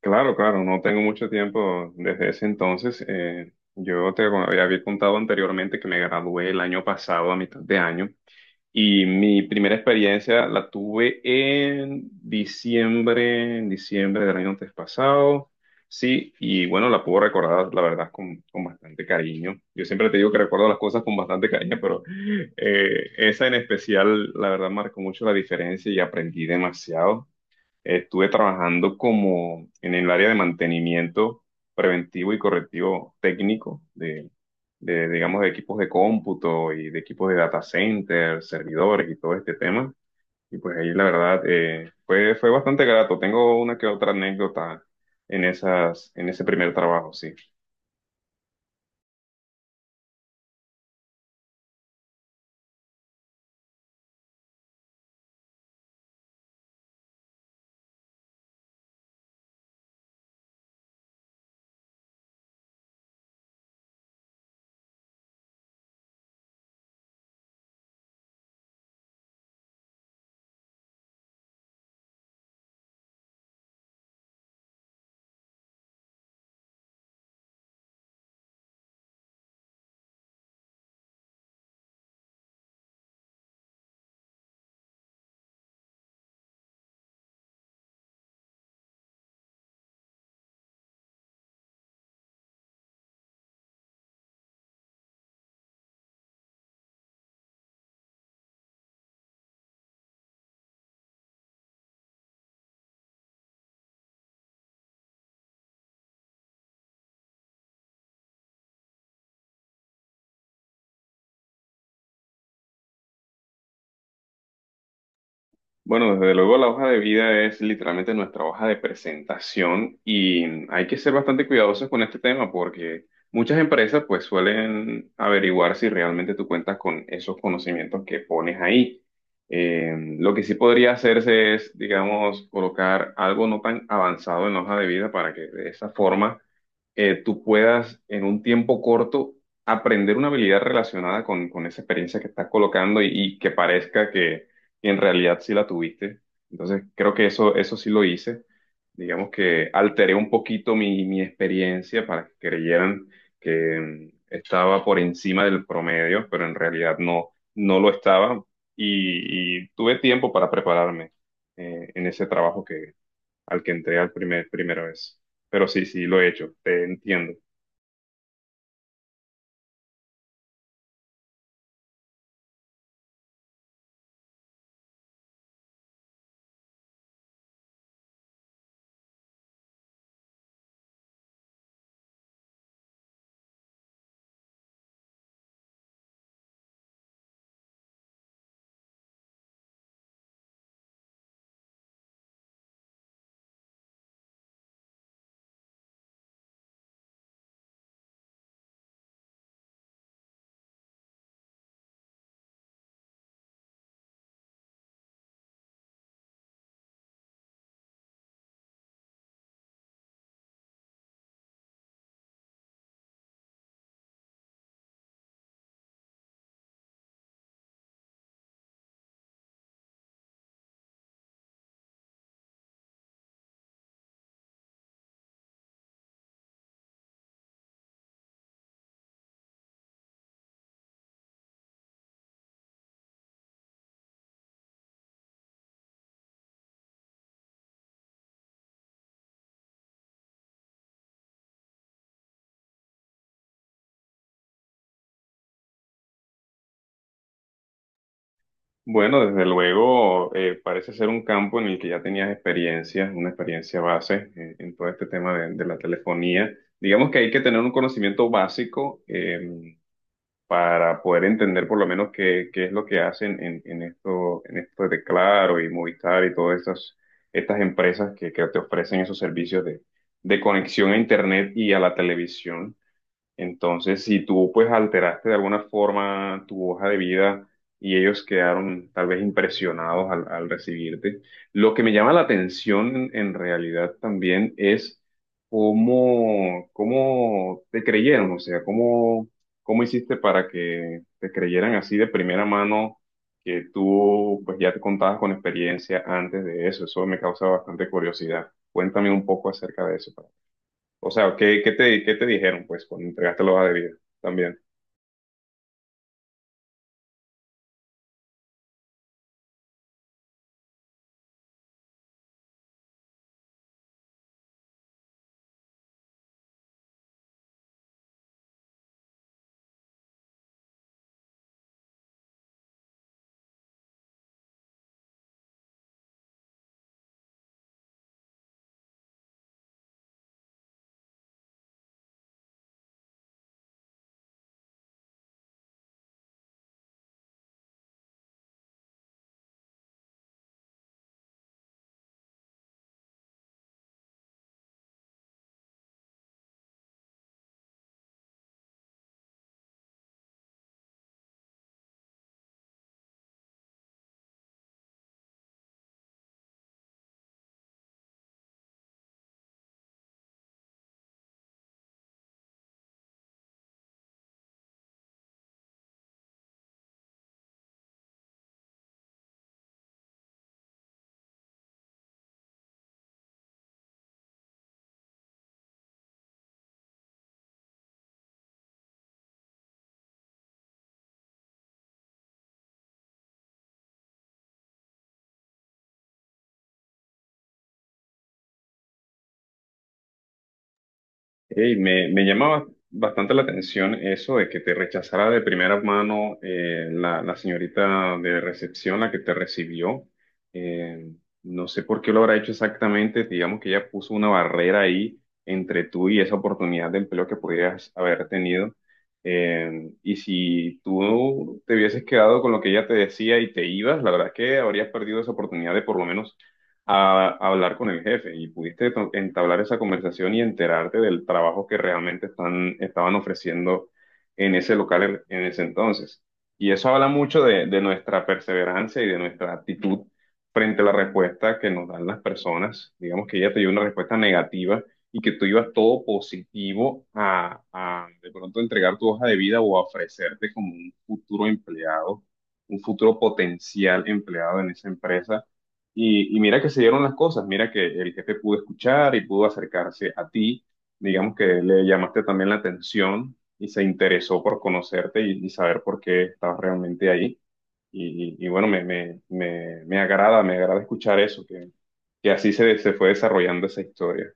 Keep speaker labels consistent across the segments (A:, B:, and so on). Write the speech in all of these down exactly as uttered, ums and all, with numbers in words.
A: Claro, claro, no tengo mucho tiempo desde ese entonces. Eh, yo te había había contado anteriormente que me gradué el año pasado, a mitad de año, y mi primera experiencia la tuve en diciembre, en diciembre del año antes pasado. Sí, y bueno, la puedo recordar, la verdad, con, con bastante cariño. Yo siempre te digo que recuerdo las cosas con bastante cariño, pero eh, esa en especial, la verdad, marcó mucho la diferencia y aprendí demasiado. Estuve trabajando como en el área de mantenimiento preventivo y correctivo técnico de, de, digamos, de equipos de cómputo y de equipos de data center, servidores y todo este tema. Y pues ahí la verdad eh, fue, fue bastante grato. Tengo una que otra anécdota en esas, en ese primer trabajo, sí. Bueno, desde luego la hoja de vida es literalmente nuestra hoja de presentación y hay que ser bastante cuidadosos con este tema porque muchas empresas pues suelen averiguar si realmente tú cuentas con esos conocimientos que pones ahí. Eh, lo que sí podría hacerse es, digamos, colocar algo no tan avanzado en la hoja de vida para que de esa forma eh, tú puedas en un tiempo corto aprender una habilidad relacionada con, con esa experiencia que estás colocando y y que parezca que y en realidad sí la tuviste. Entonces, creo que eso, eso sí lo hice. Digamos que alteré un poquito mi, mi experiencia para que creyeran que mm, estaba por encima del promedio, pero en realidad no, no lo estaba y, y tuve tiempo para prepararme eh, en ese trabajo que, al que entré al primer, primera vez. Pero sí, sí, lo he hecho, te entiendo. Bueno, desde luego, eh, parece ser un campo en el que ya tenías experiencia, una experiencia base eh, en todo este tema de, de la telefonía. Digamos que hay que tener un conocimiento básico eh, para poder entender por lo menos qué, qué es lo que hacen en, en esto, en esto de Claro y Movistar y todas estas, estas empresas que, que te ofrecen esos servicios de, de conexión a Internet y a la televisión. Entonces, si tú pues alteraste de alguna forma tu hoja de vida y ellos quedaron tal vez impresionados al, al recibirte, lo que me llama la atención en, en realidad también es cómo, cómo te creyeron, o sea, cómo, cómo hiciste para que te creyeran así de primera mano que tú pues ya te contabas con experiencia antes de eso. Eso me causa bastante curiosidad. Cuéntame un poco acerca de eso. O sea, ¿qué, qué te, qué te dijeron, pues, cuando entregaste la hoja de vida también? Ey, me, me llama bastante la atención eso de que te rechazara de primera mano eh, la, la señorita de recepción, la que te recibió. Eh, no sé por qué lo habrá hecho exactamente. Digamos que ella puso una barrera ahí entre tú y esa oportunidad de empleo que pudieras haber tenido. Eh, y si tú te hubieses quedado con lo que ella te decía y te ibas, la verdad es que habrías perdido esa oportunidad de por lo menos a, a hablar con el jefe y pudiste to- entablar esa conversación y enterarte del trabajo que realmente están, estaban ofreciendo en ese local en, en ese entonces. Y eso habla mucho de, de nuestra perseverancia y de nuestra actitud frente a la respuesta que nos dan las personas. Digamos que ella te dio una respuesta negativa y que tú ibas todo positivo a, a de pronto entregar tu hoja de vida o a ofrecerte como un futuro empleado, un futuro potencial empleado en esa empresa y, y mira que se dieron las cosas, mira que el jefe pudo escuchar y pudo acercarse a ti, digamos que le llamaste también la atención y se interesó por conocerte y, y saber por qué estabas realmente ahí. Y, y- y bueno, me, me, me, me agrada, me agrada escuchar eso, que, que así se, se fue desarrollando esa historia.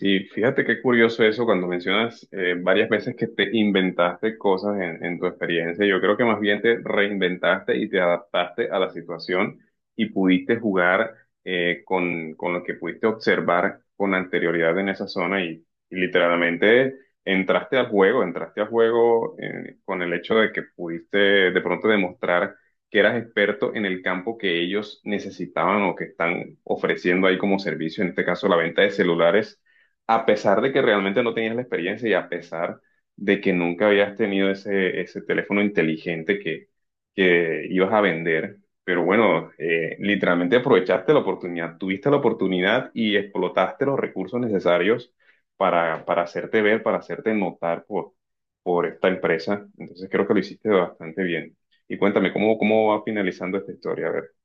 A: Y fíjate qué curioso eso cuando mencionas eh, varias veces que te inventaste cosas en, en tu experiencia. Yo creo que más bien te reinventaste y te adaptaste a la situación y pudiste jugar eh, con, con lo que pudiste observar con anterioridad en esa zona y, y literalmente entraste al juego, entraste al juego eh, con el hecho de que pudiste de pronto demostrar que eras experto en el campo que ellos necesitaban o que están ofreciendo ahí como servicio, en este caso la venta de celulares a pesar de que realmente no tenías la experiencia y a pesar de que nunca habías tenido ese, ese teléfono inteligente que, que ibas a vender. Pero bueno, eh, literalmente aprovechaste la oportunidad, tuviste la oportunidad y explotaste los recursos necesarios para, para hacerte ver, para hacerte notar por, por esta empresa. Entonces creo que lo hiciste bastante bien. Y cuéntame, ¿cómo, cómo va finalizando esta historia? A ver.